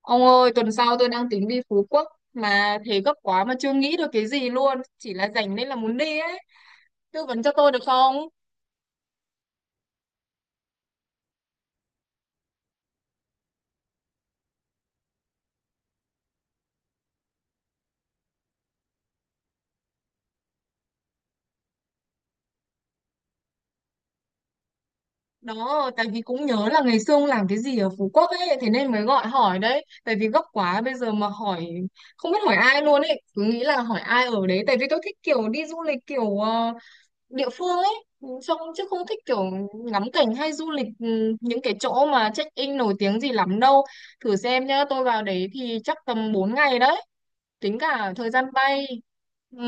Ông ơi, tuần sau tôi đang tính đi Phú Quốc mà thế gấp quá mà chưa nghĩ được cái gì luôn, chỉ là rảnh nên là muốn đi ấy. Tư vấn cho tôi được không? Đó, tại vì cũng nhớ là ngày xưa ông làm cái gì ở Phú Quốc ấy, thế nên mới gọi hỏi đấy. Tại vì gấp quá bây giờ mà hỏi không biết hỏi ai luôn ấy, cứ nghĩ là hỏi ai ở đấy tại vì tôi thích kiểu đi du lịch kiểu địa phương ấy. Ừ, xong chứ không thích kiểu ngắm cảnh hay du lịch những cái chỗ mà check-in nổi tiếng gì lắm đâu. Thử xem nhá, tôi vào đấy thì chắc tầm 4 ngày đấy, tính cả thời gian bay. Ừ,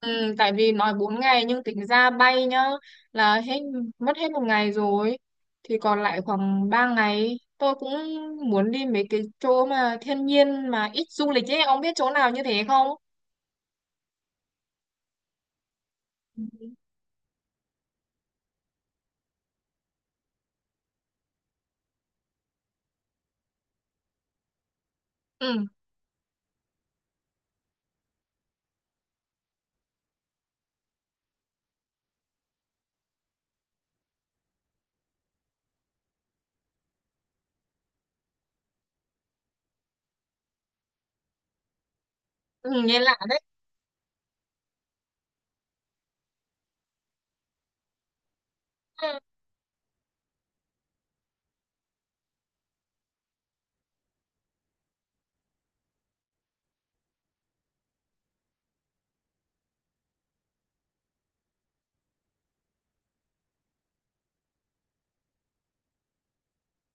ừ, tại vì nói 4 ngày nhưng tính ra bay nhá là hết, mất hết một ngày rồi, thì còn lại khoảng 3 ngày tôi cũng muốn đi mấy cái chỗ mà thiên nhiên mà ít du lịch ấy, ông biết chỗ nào như thế không? Ừ, ừ nghe lạ đấy. Ừ.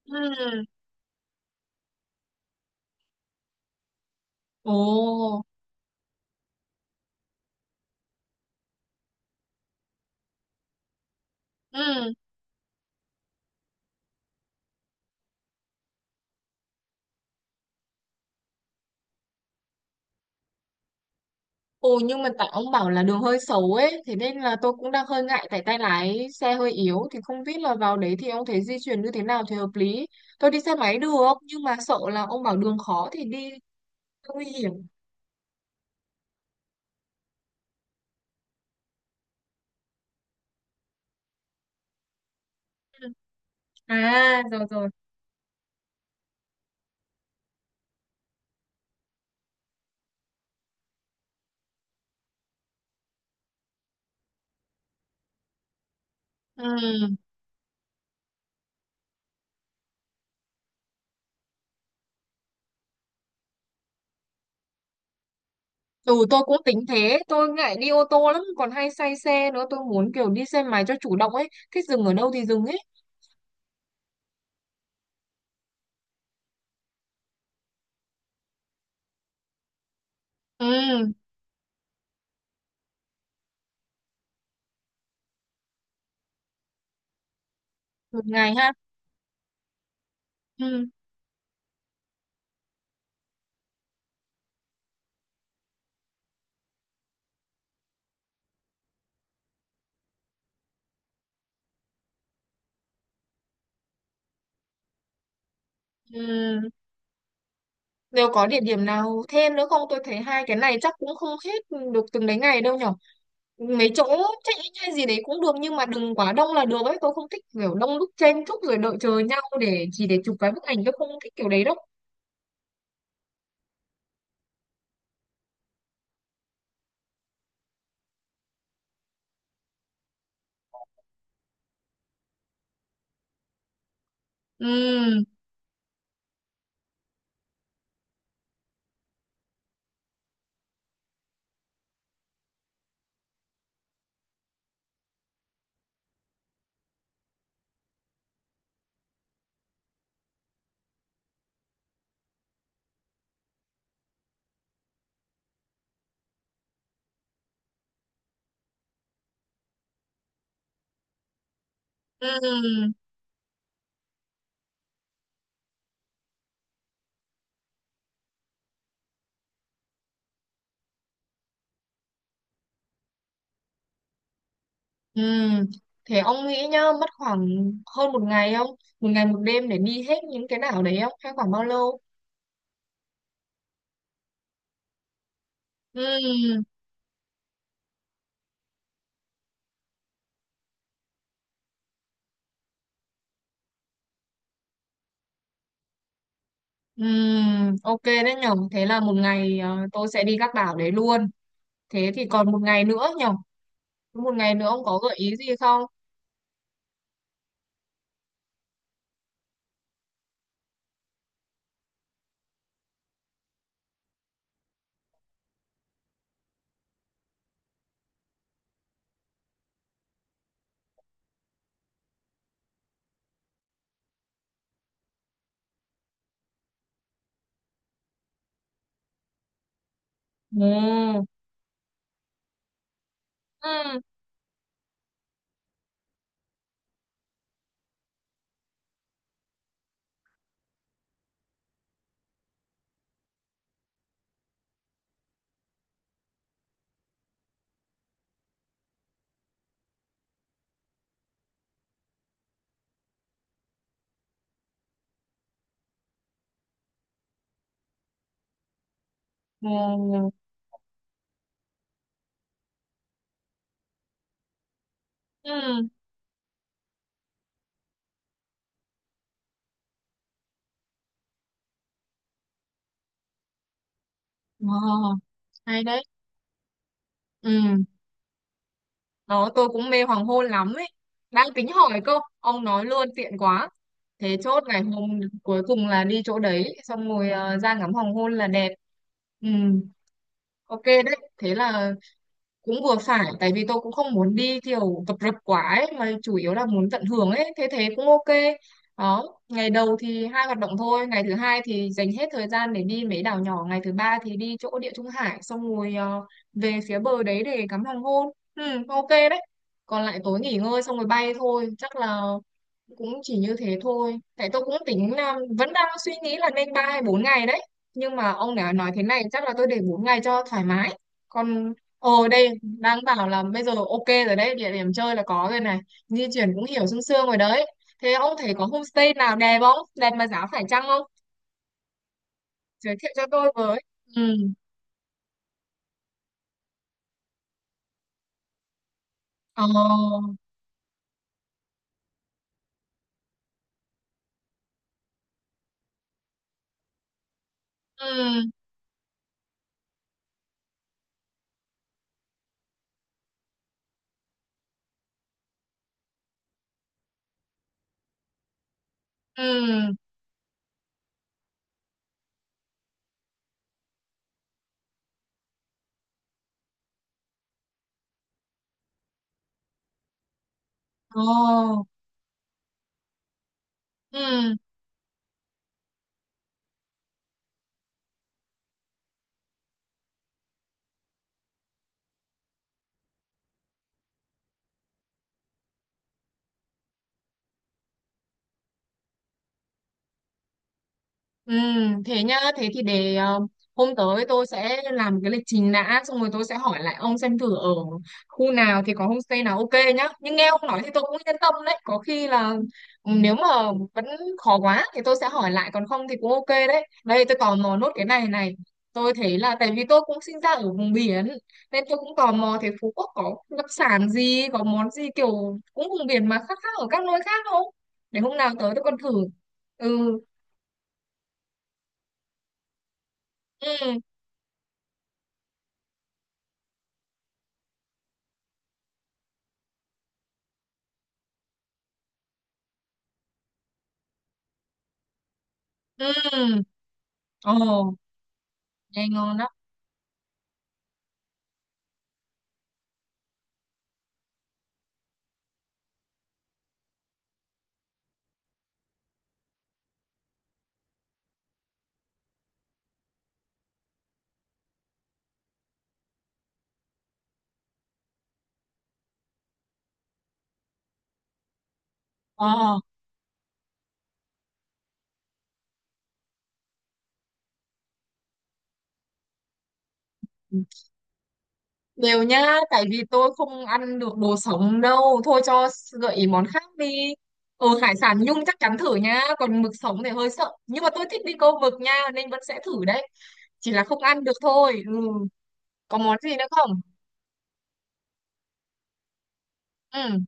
Ừ. Ồ. Ừ. Ồ, nhưng mà tại ông bảo là đường hơi xấu ấy, thế nên là tôi cũng đang hơi ngại. Tại tay lái xe hơi yếu, thì không biết là vào đấy thì ông thấy di chuyển như thế nào thì hợp lý. Tôi đi xe máy được, nhưng mà sợ là ông bảo đường khó thì đi nguy hiểm. Ừ. À rồi rồi. Ừ. Ừ, tôi cũng tính thế. Tôi ngại đi ô tô lắm, còn hay say xe nữa. Tôi muốn kiểu đi xe máy cho chủ động ấy, thích dừng ở đâu thì dừng ấy. Ừ. Một ngày ha? Ừ. Ừ. Nếu có địa điểm nào thêm nữa không? Tôi thấy hai cái này chắc cũng không hết được từng đấy ngày đâu nhở. Mấy chỗ check-in hay gì đấy cũng được nhưng mà đừng quá đông là được ấy. Tôi không thích kiểu đông đúc chen chúc rồi đợi chờ nhau để chỉ để chụp cái bức ảnh. Tôi không thích kiểu đấy đâu. Ừm, ừm, ừm. Thế ông nghĩ nhá, mất khoảng hơn một ngày không? Một ngày một đêm để đi hết những cái đảo đấy không? Hay khoảng bao lâu? Ừm, ok đấy nhở. Thế là một ngày, tôi sẽ đi các đảo đấy luôn. Thế thì còn một ngày nữa nhở? Một ngày nữa ông có gợi ý gì không? Ừ. Ừ. Ừ. Ừ. Ờ, hay đấy. Ừ, nó tôi cũng mê hoàng hôn lắm ấy, đang tính hỏi cơ, ông nói luôn tiện quá. Thế chốt ngày hôm cuối cùng là đi chỗ đấy xong rồi, ra ngắm hoàng hôn là đẹp. Ừ. Ok đấy. Thế là cũng vừa phải, tại vì tôi cũng không muốn đi kiểu tập rập quá ấy, mà chủ yếu là muốn tận hưởng ấy, thế thế cũng ok. Đó, ngày đầu thì hai hoạt động thôi, ngày thứ hai thì dành hết thời gian để đi mấy đảo nhỏ, ngày thứ ba thì đi chỗ Địa Trung Hải xong rồi, về phía bờ đấy để ngắm hoàng hôn. Ừ, ok đấy. Còn lại tối nghỉ ngơi xong rồi bay thôi, chắc là cũng chỉ như thế thôi, tại tôi cũng tính là vẫn đang suy nghĩ là nên ba hay bốn ngày đấy, nhưng mà ông đã nói thế này chắc là tôi để bốn ngày cho thoải mái. Còn... Ồ đây, đang bảo là bây giờ ok rồi đấy, địa điểm chơi là có rồi này, di chuyển cũng hiểu sương sương rồi đấy. Thế ông thấy có homestay nào đẹp không, đẹp mà giá phải chăng không? Giới thiệu cho tôi với. Ừ. Ờ. Ừ. Ừ. Ờ. Ừ. Ừ, thế nhá, thế thì để hôm tới tôi sẽ làm cái lịch trình đã, xong rồi tôi sẽ hỏi lại ông xem thử ở khu nào thì có homestay nào ok nhá. Nhưng nghe ông nói thì tôi cũng yên tâm đấy, có khi là nếu mà vẫn khó quá thì tôi sẽ hỏi lại, còn không thì cũng ok đấy. Đây, tôi tò mò nốt cái này này. Tôi thấy là tại vì tôi cũng sinh ra ở vùng biển nên tôi cũng tò mò thế Phú Quốc có đặc sản gì, có món gì kiểu cũng vùng biển mà khác khác ở các nơi khác không? Để hôm nào tới tôi còn thử. Ừ. Ừ. Ừ, ồ, nghe ngon đó. Ồ, đều nhá, tại vì tôi không ăn được đồ sống đâu. Thôi cho gợi ý món khác đi. Ừ, hải sản nhung chắc chắn thử nhá, còn mực sống thì hơi sợ. Nhưng mà tôi thích đi câu mực nha, nên vẫn sẽ thử đấy. Chỉ là không ăn được thôi. Ừ, có món gì nữa không? Ừ,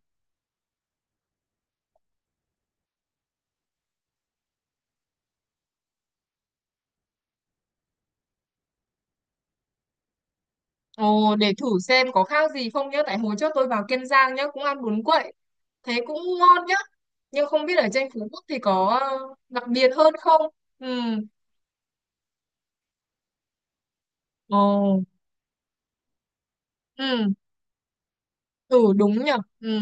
ồ, để thử xem có khác gì không nhá. Tại hồi trước tôi vào Kiên Giang nhá, cũng ăn bún quậy. Thế cũng ngon nhá. Nhưng không biết ở trên Phú Quốc thì có đặc biệt hơn không? Ừ. Ồ. Ừ. Ừ đúng nhở. Ừ.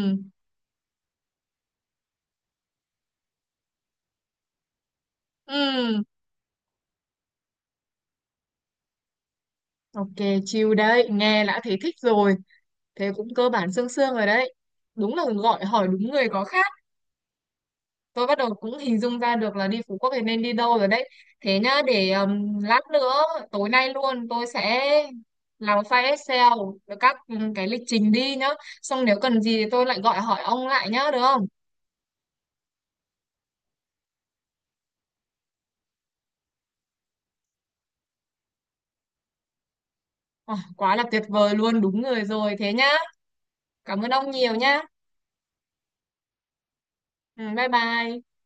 Ừ. Ok, chill đấy, nghe đã thấy thích rồi. Thế cũng cơ bản sương sương rồi đấy, đúng là gọi hỏi đúng người có khác. Tôi bắt đầu cũng hình dung ra được là đi Phú Quốc thì nên đi đâu rồi đấy. Thế nhá, để lát nữa tối nay luôn tôi sẽ làm file Excel với các cái lịch trình đi nhá, xong nếu cần gì thì tôi lại gọi hỏi ông lại nhá, được không? Ờ, quá là tuyệt vời luôn, đúng người rồi, thế nhá. Cảm ơn ông nhiều nhá. Ừ, bye bye.